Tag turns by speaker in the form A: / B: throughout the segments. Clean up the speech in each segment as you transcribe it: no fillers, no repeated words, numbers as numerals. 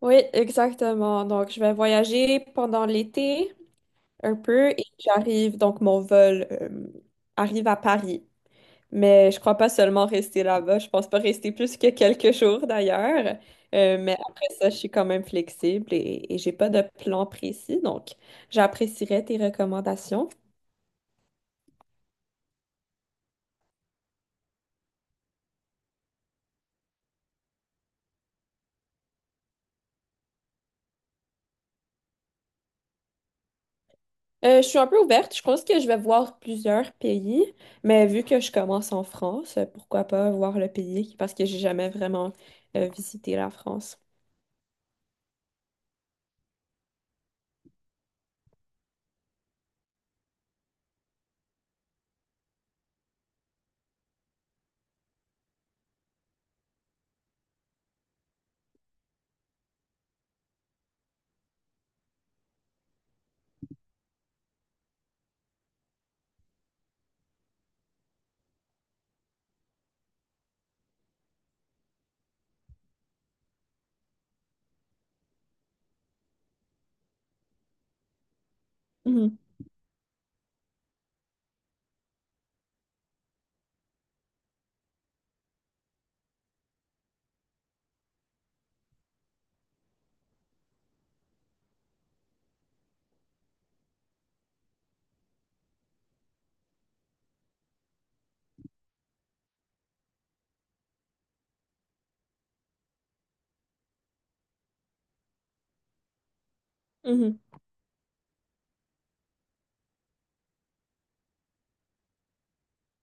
A: Oui, exactement. Donc, je vais voyager pendant l'été un peu et j'arrive, donc mon vol arrive à Paris. Mais je crois pas seulement rester là-bas. Je pense pas rester plus que quelques jours d'ailleurs. Mais après ça, je suis quand même flexible et j'ai pas de plan précis. Donc, j'apprécierais tes recommandations. Je suis un peu ouverte. Je pense que je vais voir plusieurs pays, mais vu que je commence en France, pourquoi pas voir le pays parce que j'ai jamais vraiment visité la France. Mhm. Mhm.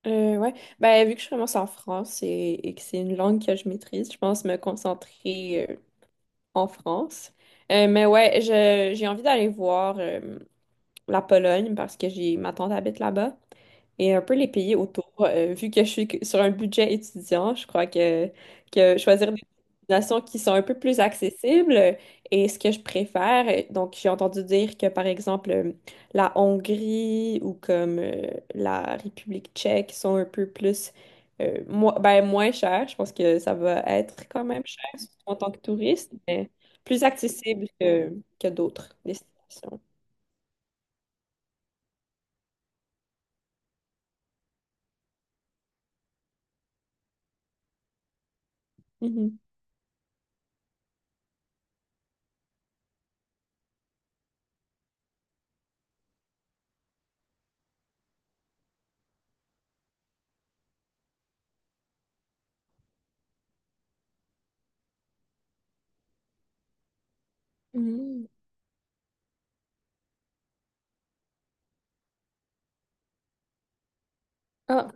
A: Ouais. Ben, vu que je commence en France et que c'est une langue que je maîtrise, je pense me concentrer en France. Mais ouais, j'ai envie d'aller voir la Pologne parce que j'ai ma tante habite là-bas. Et un peu les pays autour. Vu que je suis sur un budget étudiant, que choisir des destinations qui sont un peu plus accessibles est ce que je préfère. Donc, j'ai entendu dire que, par exemple, la Hongrie ou comme la République tchèque sont un peu plus, ben, moins chères. Je pense que ça va être quand même cher, surtout en tant que touriste, mais plus accessible que d'autres destinations. Mhm. Mhm. Ah,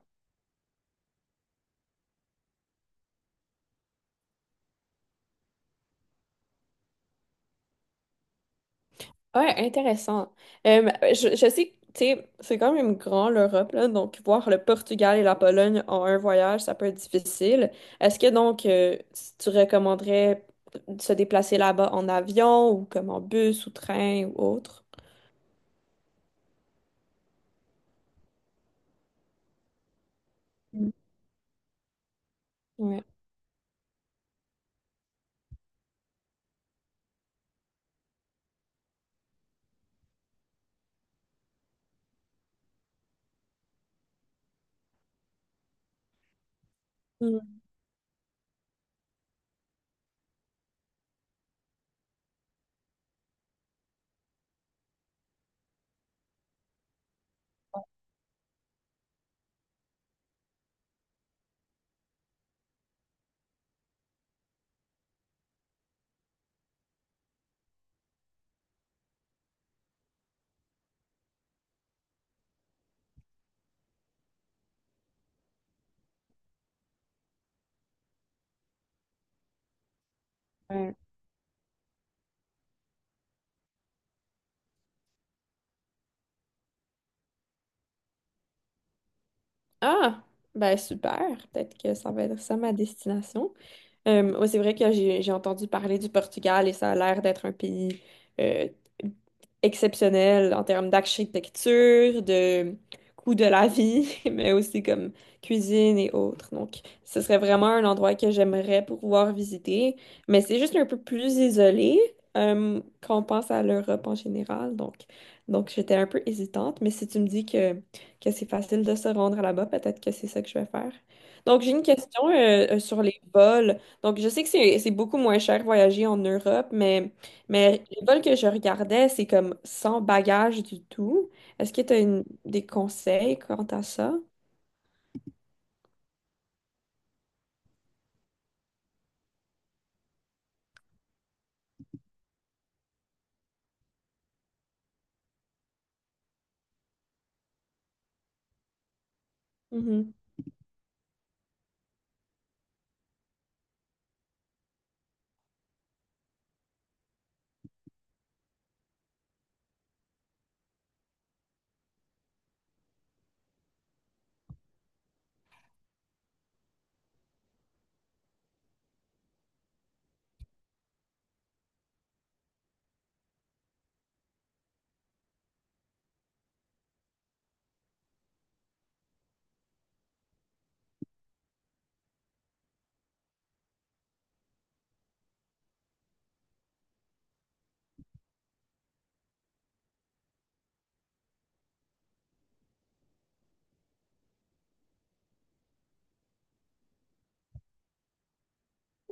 A: ouais, intéressant. Je sais que, tu sais, c'est quand même grand l'Europe, là, donc voir le Portugal et la Pologne en un voyage, ça peut être difficile. Est-ce que donc si tu recommanderais de se déplacer là-bas en avion ou comme en bus ou train ou autre? Mm. Ouais. Mm. Ouais. Ah, ben super. Peut-être que ça va être ça ma destination. Ouais, c'est vrai que j'ai entendu parler du Portugal et ça a l'air d'être un pays euh, exceptionnel en termes d'architecture, de coût de la vie, mais aussi comme cuisine et autres. Donc, ce serait vraiment un endroit que j'aimerais pouvoir visiter, mais c'est juste un peu plus isolé quand on pense à l'Europe en général. Donc j'étais un peu hésitante, mais si tu me dis que c'est facile de se rendre là-bas, peut-être que c'est ça que je vais faire. Donc, j'ai une question sur les vols. Donc, je sais que c'est beaucoup moins cher voyager en Europe, mais les vols que je regardais, c'est comme sans bagage du tout. Est-ce que tu as des conseils quant à ça? Mhm.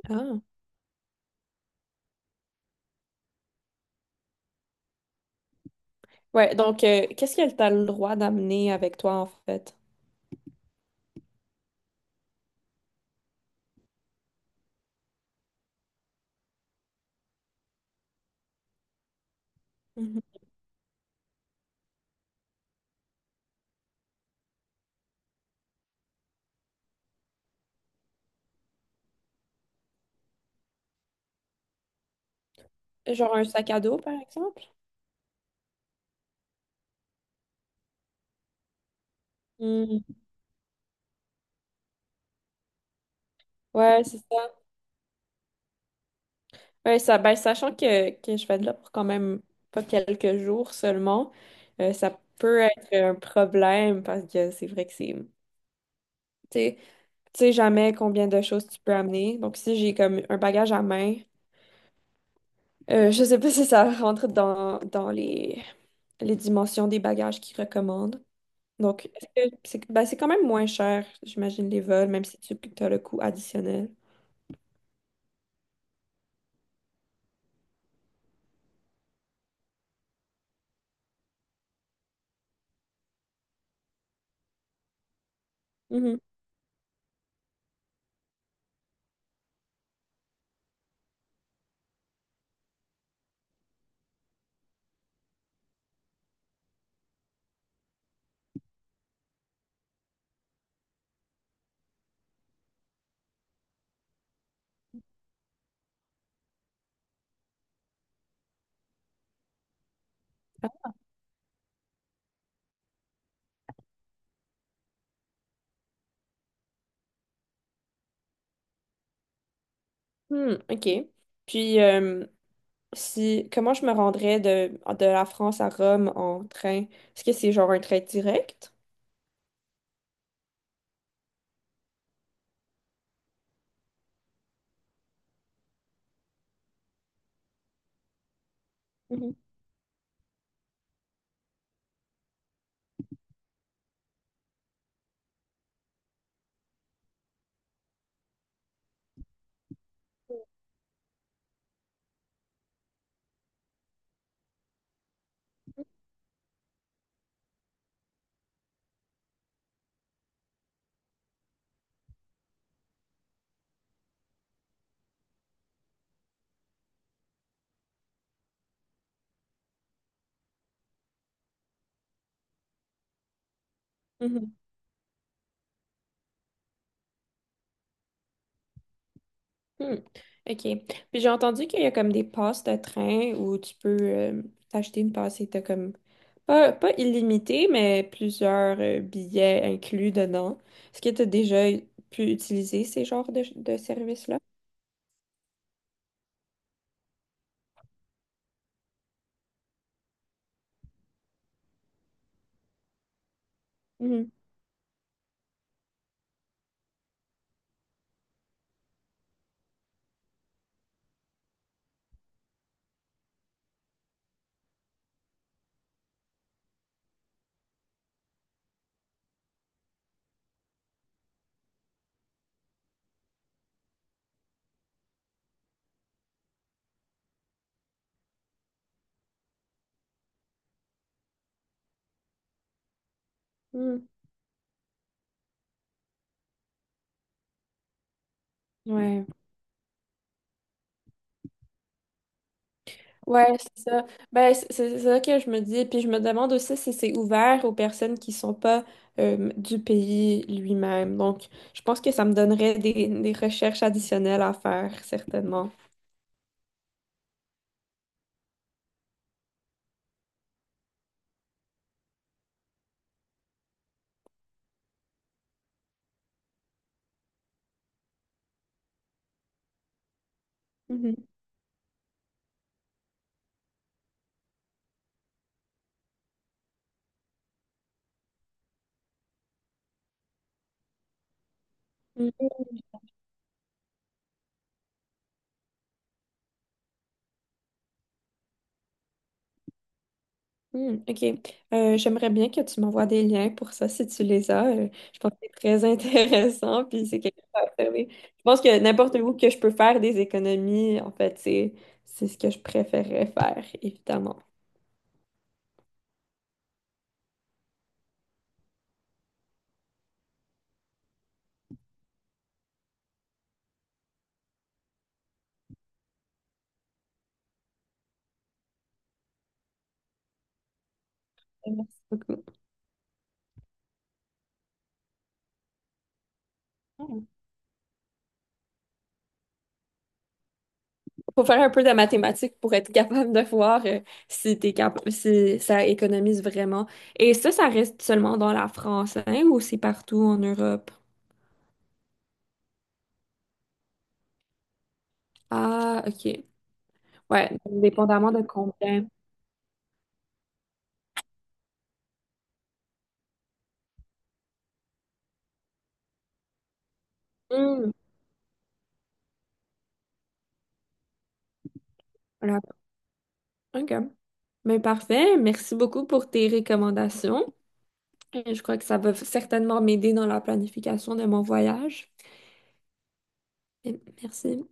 A: Ah. Ouais, donc, qu'est-ce que tu as le droit d'amener avec toi, en fait? Mhm. Genre un sac à dos, par exemple? Mm. Ouais, c'est ça. Ouais, ça, ben, sachant que je vais de là pour quand même pas quelques jours seulement, ça peut être un problème parce que c'est vrai que c'est... Tu sais, tu sais jamais combien de choses tu peux amener. Donc, si j'ai comme un bagage à main, je sais pas si ça rentre dans les dimensions des bagages qu'ils recommandent. Donc, est-ce que c'est ben, c'est quand même moins cher, j'imagine, les vols, même si tu as le coût additionnel. Mhm. Hmm, OK. Puis, si, comment je me rendrais de la France à Rome en train? Est-ce que c'est genre un train direct? Mhm. Hmm. OK. Puis j'ai entendu qu'il y a comme des passes de train où tu peux t'acheter une passe et t'as comme pas illimité, mais plusieurs billets inclus dedans. Est-ce que tu as déjà pu utiliser ces genres de services-là? Mhm. Mhm. Ouais. Ouais, c'est ça. Ben, c'est ça que je me dis. Puis je me demande aussi si c'est ouvert aux personnes qui sont pas du pays lui-même. Donc, je pense que ça me donnerait des recherches additionnelles à faire, certainement. Mhm. Mhm. OK. J'aimerais bien que tu m'envoies des liens pour ça si tu les as. Je pense que c'est très intéressant, puis c'est quelque chose à observer. Je pense que n'importe où que je peux faire des économies, en fait, c'est ce que je préférerais faire, évidemment. Merci beaucoup. Mm. Faut faire un peu de mathématiques pour être capable de voir si t'es capable, si ça économise vraiment. Et ça reste seulement dans la France, hein, ou c'est partout en Europe? Ah, OK. Ouais, dépendamment de combien. Voilà. OK. Mais parfait. Merci beaucoup pour tes recommandations. Je crois que ça va certainement m'aider dans la planification de mon voyage. Et merci.